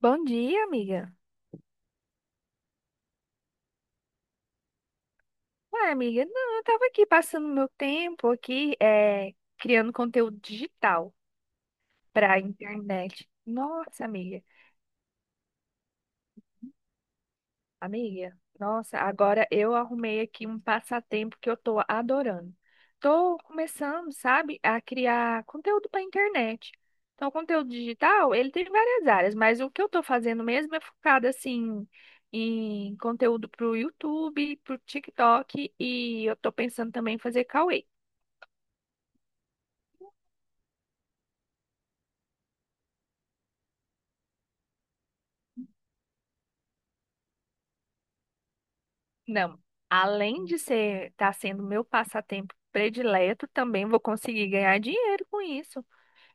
Bom dia, amiga. Ué, amiga, não, eu tava aqui passando meu tempo aqui, é, criando conteúdo digital pra internet. Nossa, amiga, amiga, nossa, agora eu arrumei aqui um passatempo que eu tô adorando. Tô começando, sabe, a criar conteúdo pra internet. Então, o conteúdo digital, ele tem várias áreas, mas o que eu tô fazendo mesmo é focado, assim, em conteúdo pro YouTube, pro TikTok, e eu tô pensando também em fazer Cauê. Não, além de ser estar sendo meu passatempo predileto, também vou conseguir ganhar dinheiro com isso.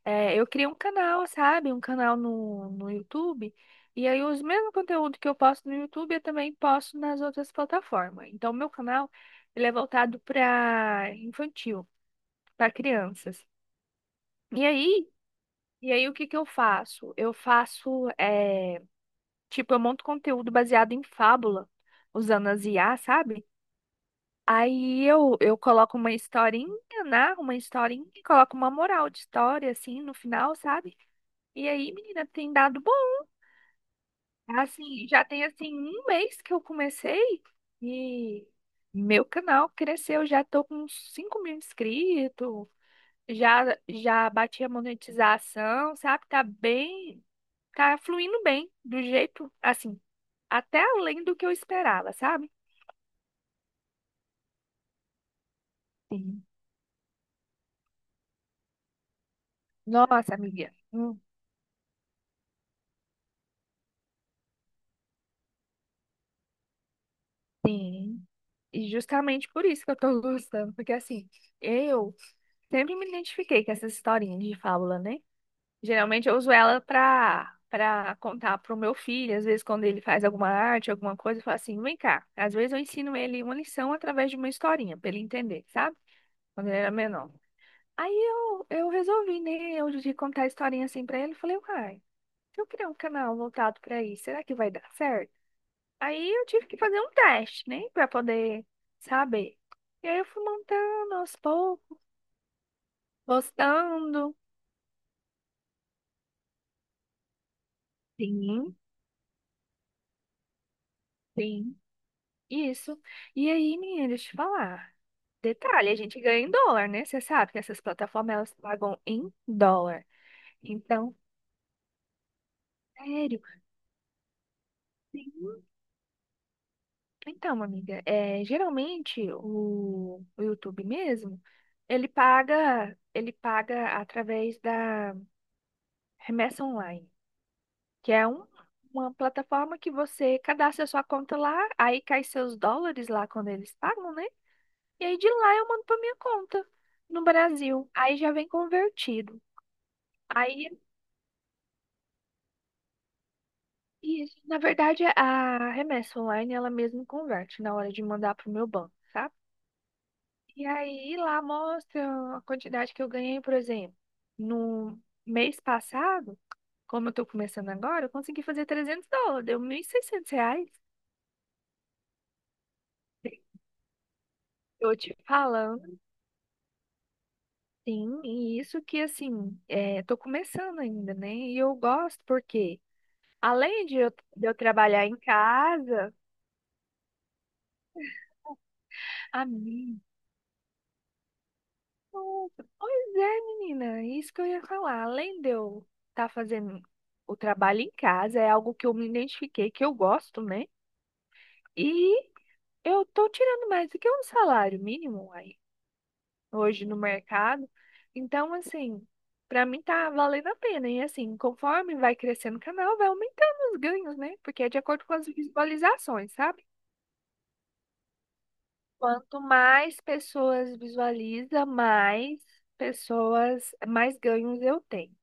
É, eu criei um canal, sabe? Um canal no YouTube. E aí, os mesmos conteúdos que eu posto no YouTube, eu também posto nas outras plataformas. Então, meu canal, ele é voltado para infantil, para crianças. E aí, e aí, o que que eu faço? Eu faço, é, tipo, eu monto conteúdo baseado em fábula, usando as IA, sabe? Aí eu coloco uma historinha, narro uma historinha e coloco uma moral de história, assim, no final, sabe? E aí, menina, tem dado bom. Assim, já tem, assim, um mês que eu comecei e meu canal cresceu. Já tô com uns 5 mil inscritos, já bati a monetização, sabe? Tá bem, tá fluindo bem, do jeito, assim, até além do que eu esperava, sabe? Sim. Nossa, amiga. Sim. E justamente por isso que eu tô gostando, porque assim, eu sempre me identifiquei com essas historinhas de fábula, né? Geralmente eu uso ela pra contar pro meu filho, às vezes quando ele faz alguma arte, alguma coisa, eu falo assim, vem cá. Às vezes eu ensino ele uma lição através de uma historinha, pra ele entender, sabe? Quando ele era menor. Aí eu resolvi, né, eu de contar a historinha assim pra ele, eu falei, uai, se eu criar um canal voltado pra isso, será que vai dar certo? Aí eu tive que fazer um teste, né, para poder saber. E aí eu fui montando aos poucos, gostando. Sim, sim, isso. E aí, menina, deixa eu te falar. Detalhe, a gente ganha em dólar, né? Você sabe que essas plataformas elas pagam em dólar. Então, sério, sim. Então, amiga, é, geralmente o YouTube mesmo, ele paga através da remessa online. Que é uma plataforma que você cadastra sua conta lá, aí cai seus dólares lá quando eles pagam, né? E aí de lá eu mando para minha conta no Brasil. Aí já vem convertido. Aí, isso, na verdade, a remessa online ela mesmo converte na hora de mandar para o meu banco, sabe? E aí lá mostra a quantidade que eu ganhei, por exemplo, no mês passado, como eu tô começando agora, eu consegui fazer 300 dólares, deu 1.600 reais. Eu te falando. Sim, e isso que assim, é, tô começando ainda, né? E eu gosto porque, além de eu trabalhar em casa, a mim, nossa, pois é, menina, isso que eu ia falar. Além de eu estar fazendo o trabalho em casa, é algo que eu me identifiquei, que eu gosto, né? E eu tô tirando mais do que um salário mínimo hoje no mercado. Então, assim, para mim tá valendo a pena. E assim, conforme vai crescendo o canal, vai aumentando os ganhos, né? Porque é de acordo com as visualizações, sabe? Quanto mais pessoas visualiza, mais pessoas, mais ganhos eu tenho.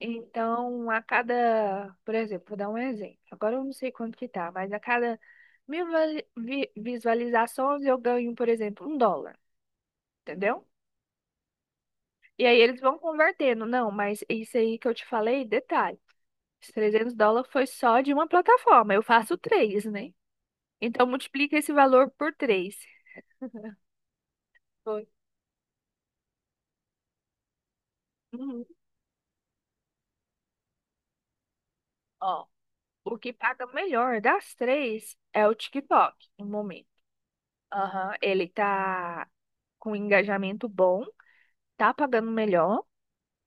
Então, a cada, por exemplo, vou dar um exemplo. Agora eu não sei quanto que tá, mas a cada mil visualizações eu ganho, por exemplo, um dólar, entendeu? E aí eles vão convertendo. Não, mas isso aí que eu te falei, detalhe. Os 300 dólares foi só de uma plataforma. Eu faço três, né? Então multiplica esse valor por três. Foi. Uhum. Ó, o que paga melhor das três é o TikTok, no momento. Aham, ele tá com engajamento bom, tá pagando melhor,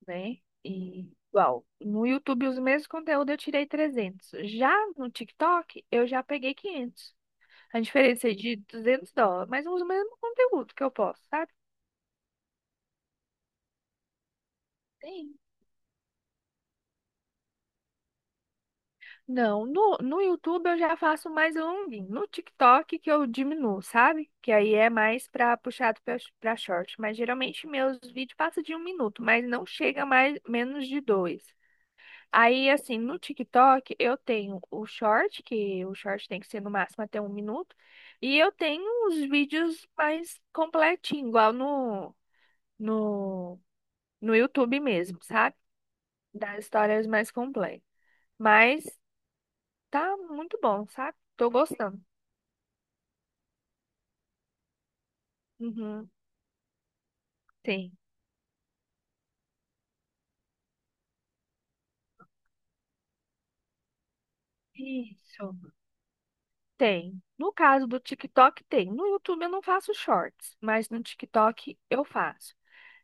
né? E igual, no YouTube os mesmos conteúdos eu tirei 300. Já no TikTok eu já peguei 500. A diferença é de 200 dólares, mas usa o mesmo conteúdo que eu posso, sabe? Sim. Não, no YouTube eu já faço mais longuinho. No TikTok que eu diminuo, sabe? Que aí é mais pra puxado pra short. Mas geralmente meus vídeos passam de um minuto, mas não chega mais menos de dois. Aí, assim, no TikTok eu tenho o short, que o short tem que ser no máximo até um minuto. E eu tenho os vídeos mais completinhos, igual no, no YouTube mesmo, sabe? Das histórias mais complexas, mas tá muito bom, sabe? Tô gostando. Uhum, tem. Isso. Tem. No caso do TikTok, tem. No YouTube eu não faço shorts, mas no TikTok eu faço.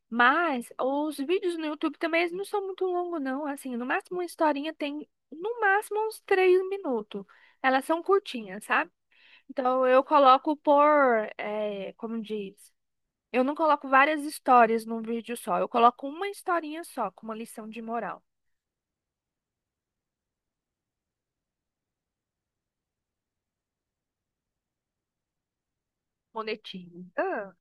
Mas os vídeos no YouTube também eles não são muito longos, não. Assim, no máximo uma historinha tem, no máximo, uns 3 minutos. Elas são curtinhas, sabe? Então eu coloco por, como diz? Eu não coloco várias histórias num vídeo só. Eu coloco uma historinha só, com uma lição de moral. Monetinho. Ah,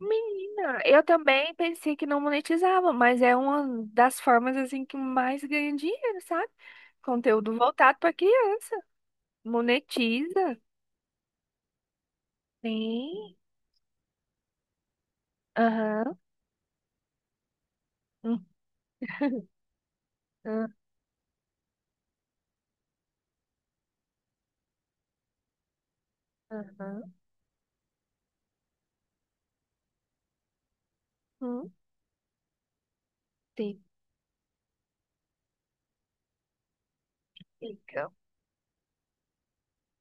menina, eu também pensei que não monetizava, mas é uma das formas assim que mais ganha dinheiro, sabe? Conteúdo voltado para criança. Monetiza. Sim. Aham. Hum, ah, aham. Hum, sim. Fica.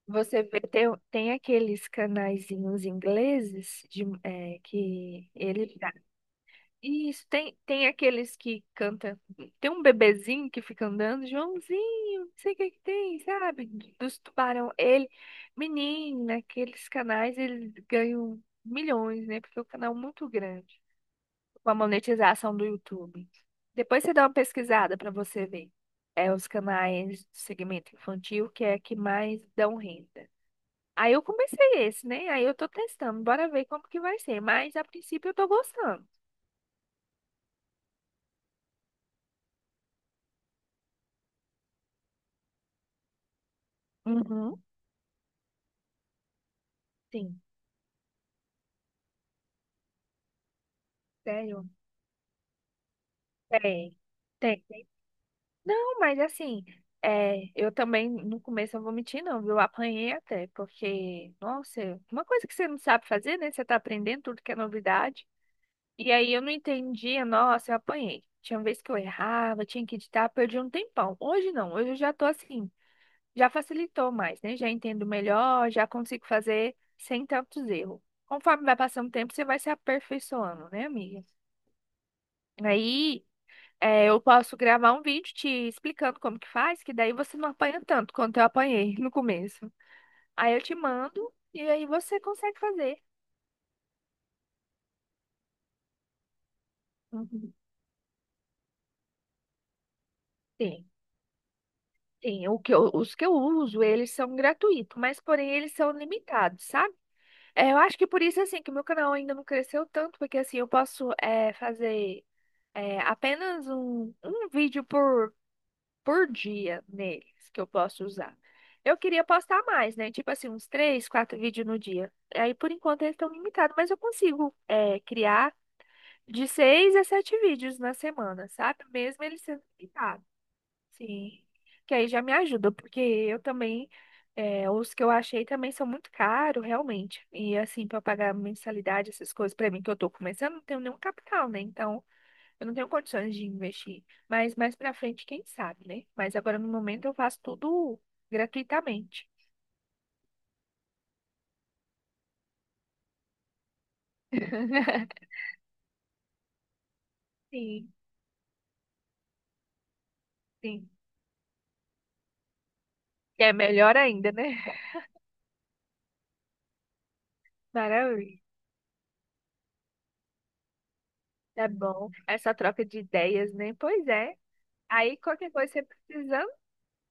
Você vê, tem, tem, aqueles canaizinhos ingleses de, é, que eles... Isso, tem aqueles que cantam. Tem um bebezinho que fica andando, Joãozinho, não sei o que que tem, sabe? Dos tubarão. Ele, menina, aqueles canais, eles ganham milhões, né? Porque é um canal muito grande. Com a monetização do YouTube. Depois você dá uma pesquisada pra você ver. É os canais do segmento infantil que é que mais dão renda. Aí eu comecei esse, né? Aí eu tô testando, bora ver como que vai ser. Mas a princípio eu tô gostando. Uhum. Sim. Sério? Tem, tem, tem. Não, mas assim, é, eu também, no começo, eu vou mentir, não, viu? Eu apanhei até, porque, nossa, uma coisa que você não sabe fazer, né? Você tá aprendendo tudo que é novidade. E aí eu não entendia, nossa, eu apanhei. Tinha vez que eu errava, tinha que editar, perdi um tempão. Hoje não, hoje eu já tô assim, já facilitou mais, né? Já entendo melhor, já consigo fazer sem tantos erros. Conforme vai passando o tempo, você vai se aperfeiçoando, né, amiga? Aí. É, eu posso gravar um vídeo te explicando como que faz, que daí você não apanha tanto quanto eu apanhei no começo. Aí eu te mando e aí você consegue fazer. Uhum. Tem, tem. Os que eu uso, eles são gratuitos, mas porém eles são limitados, sabe? É, eu acho que por isso, assim, que o meu canal ainda não cresceu tanto, porque assim, eu posso é, fazer é, apenas um vídeo por dia neles que eu posso usar. Eu queria postar mais, né? Tipo assim, uns três, quatro vídeos no dia. Aí, por enquanto, eles estão limitados, mas eu consigo é, criar de seis a sete vídeos na semana, sabe? Mesmo eles sendo limitados. Sim. Que aí já me ajuda, porque eu também, é, os que eu achei também são muito caros, realmente. E assim, para pagar mensalidade, essas coisas, para mim que eu tô começando, não tenho nenhum capital, né? Então. Eu não tenho condições de investir, mas mais pra frente, quem sabe, né? Mas agora no momento eu faço tudo gratuitamente. Sim, sim. Que é melhor ainda, né? Maravilha. Tá bom. Essa troca de ideias, né? Pois é. Aí qualquer coisa você precisando,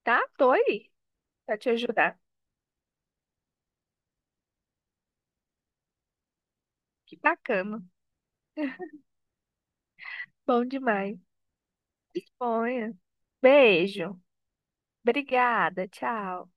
tá? Tô aí pra te ajudar. Que bacana. Bom demais. Disponha. Beijo. Obrigada. Tchau.